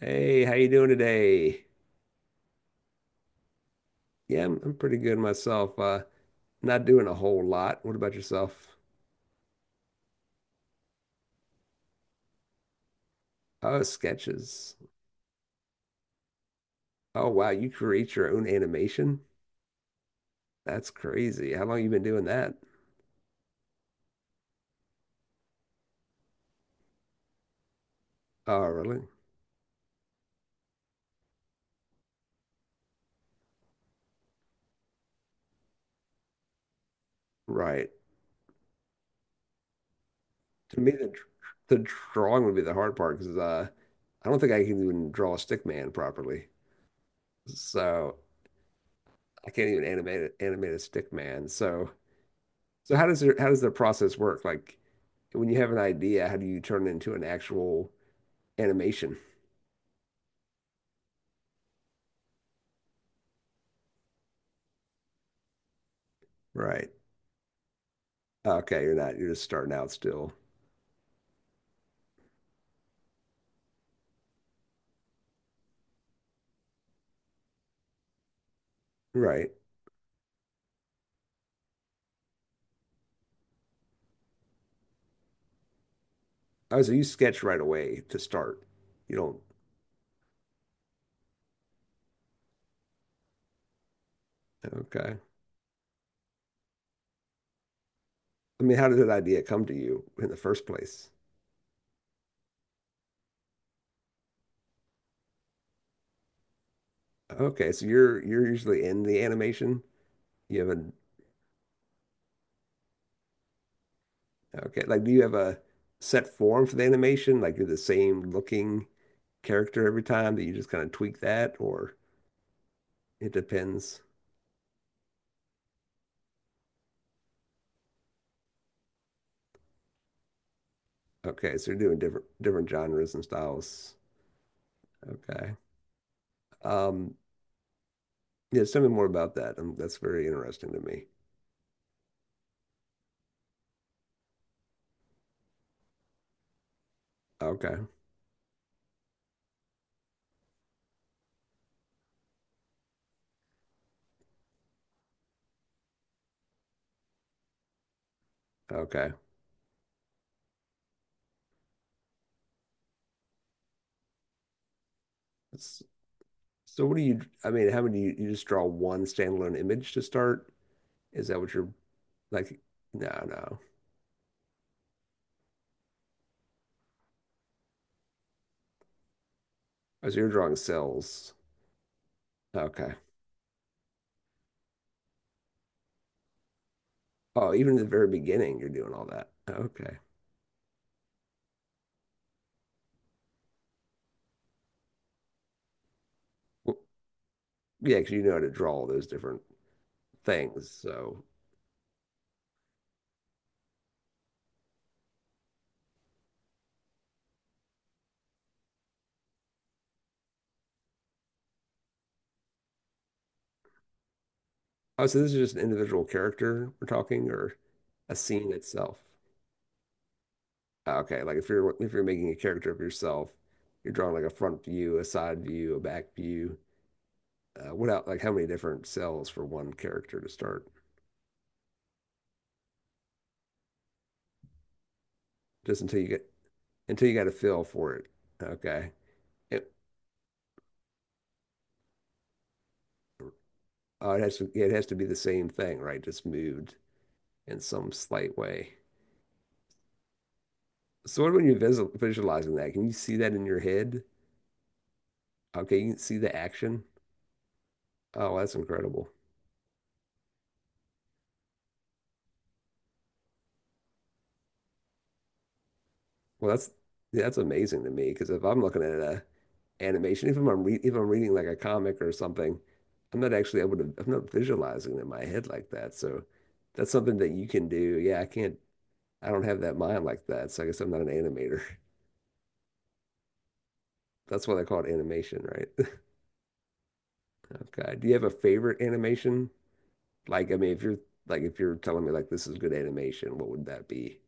Hey, how you doing today? Yeah, I'm pretty good myself. Not doing a whole lot. What about yourself? Oh, sketches. Oh, wow, you create your own animation? That's crazy. How long you been doing that? Oh, really? Right. To me, the drawing would be the hard part because I don't think I can even draw a stick man properly. So I can't even animate it, animate a stick man. So so how does the process work? Like when you have an idea, how do you turn it into an actual animation. Right. Okay, you're not. You're just starting out still. Right. I was you sketch right away to start. You don't. Okay. I mean, how did that idea come to you in the first place? Okay, so you're usually in the animation. You have a okay, like do you have a set form for the animation? Like you're the same looking character every time that you just kind of tweak that, or it depends. Okay, so you're doing different genres and styles. Okay. Um, Yes, tell me more about that. That's very interesting to me. Okay. Okay. S- So what do you, I mean, how many, you just draw one standalone image to start? Is that what you're like? No, no. Oh, so you're drawing cells. Okay. Oh, even at the very beginning, you're doing all that. Okay. Well, yeah, because you know how to draw all those different things. So, oh, so this is just an individual character we're talking or a scene itself. Oh, okay, if you're making a character of yourself, you're drawing like a front view, a side view, a back view. What out, like how many different cells for one character to start? Just until you get until you got a feel for it. Okay. It, it has to yeah, it has to be the same thing, right? Just moved in some slight way. So what when you're visualizing that, can you see that in your head? Okay, you can see the action. Oh, that's incredible. Well, that's yeah, that's amazing to me because if I'm looking at a animation, even if I'm re if I'm reading like a comic or something, I'm not actually able to. I'm not visualizing it in my head like that. So that's something that you can do. Yeah, I can't. I don't have that mind like that. So I guess I'm not an animator. That's why they call it animation, right? Okay. Do you have a favorite animation? Like, I mean, if you're like if you're telling me like this is good animation, what would that be?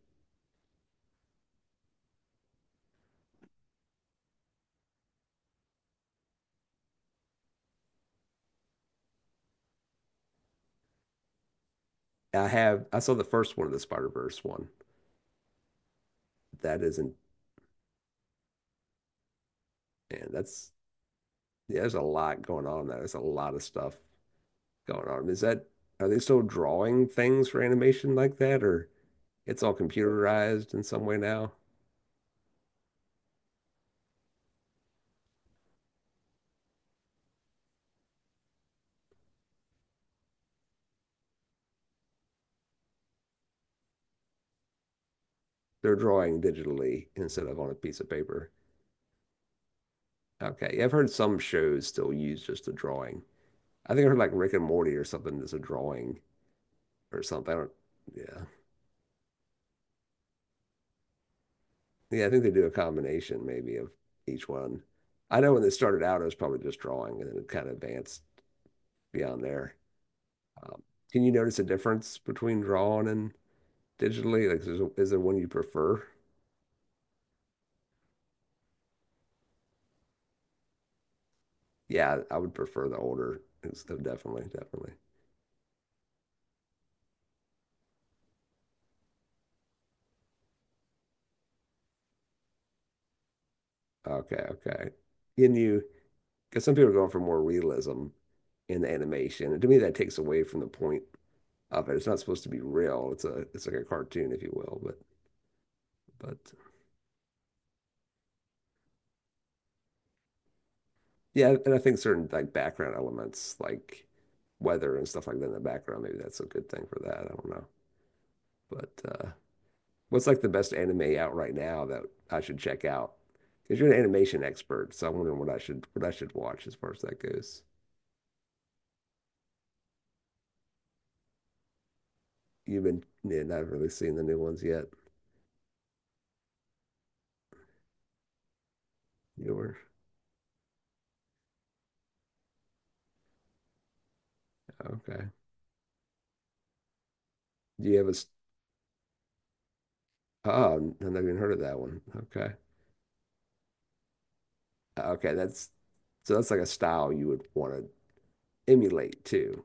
I have. I saw the first one of the Spider-Verse one. That isn't. Man, that's Yeah, there's a lot going on there. There's a lot of stuff going on. Is that are they still drawing things for animation like that, or it's all computerized in some way now? They're drawing digitally instead of on a piece of paper. Okay, yeah, I've heard some shows still use just a drawing. I think I heard like Rick and Morty or something that's a drawing or something. I don't, yeah, yeah, I think they do a combination maybe of each one. I know when it started out, it was probably just drawing, and then it kind of advanced beyond there. Um, can you notice a difference between drawing and digitally? Like, is there one you prefer? Yeah, I would prefer the older. It's oh, definitely, definitely. Okay, okay. Can you, because some people are going for more realism in the animation, and to me, that takes away from the point of it. It's not supposed to be real. It's like a cartoon, if you will. But yeah, and I think certain like background elements, like weather and stuff like that in the background, maybe that's a good thing for that. I don't know, but what's like the best anime out right now that I should check out? Because you're an animation expert, so I'm wondering what I should watch as far as that goes. You've been yeah, not really seen the new ones yet. You were okay. Do you have oh, I've never even heard of that one. Okay, okay, that's so that's like a style you would want to emulate too.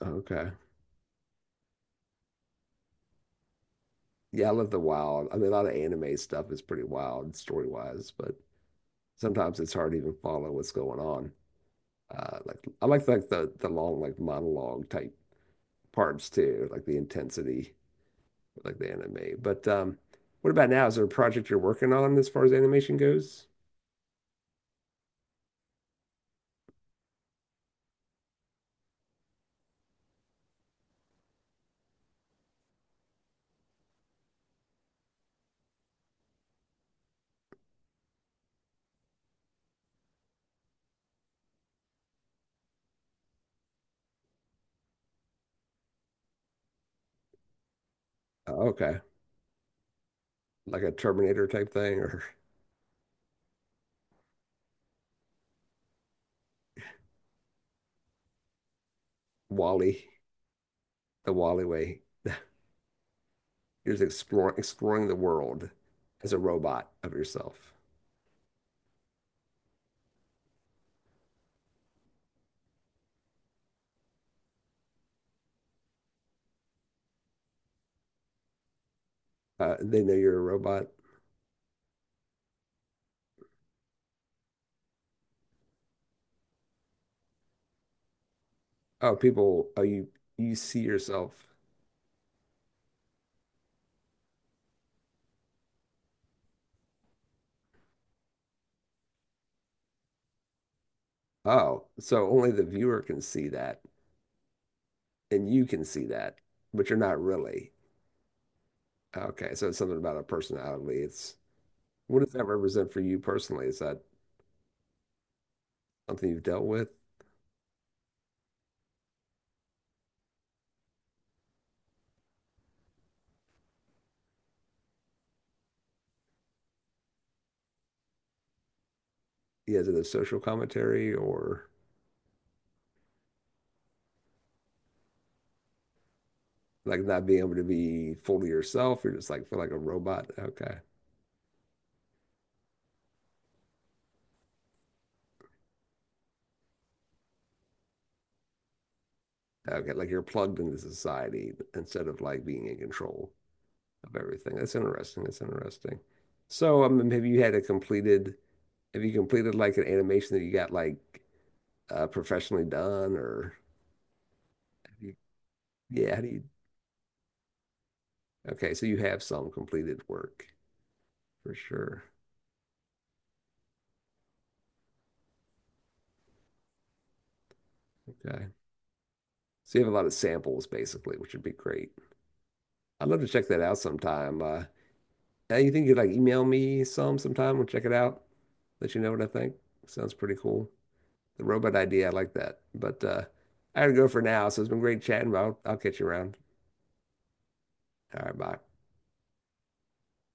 Okay, yeah, I love the wild. I mean, a lot of anime stuff is pretty wild story wise, but sometimes it's hard to even follow what's going on. Like I like the long like monologue type parts too, like the intensity, like the anime. But what about now? Is there a project you're working on as far as animation goes? Oh, okay, like a Terminator type thing or Wall-E, the Wall-E way. You're just exploring the world as a robot of yourself. They know you're a robot. Oh you see yourself. Oh, so only the viewer can see that, and you can see that, but you're not really. Okay, so it's something about a personality. It's what does that represent for you personally? Is that something you've dealt with? Yeah, is it a social commentary or like not being able to be fully yourself? You're just like feel like a robot. Okay. Okay, like you're plugged into society instead of like being in control of everything. That's interesting. That's interesting. So, have you completed like an animation that you got like professionally done or have you, yeah, okay, so you have some completed work for sure. Okay. So you have a lot of samples basically, which would be great. I'd love to check that out sometime. Think you would like email me some sometime? We'll check it out. Let you know what I think. Sounds pretty cool. The robot idea, I like that. But I gotta go for now. So it's been great chatting. But I'll catch you around. All right, bye.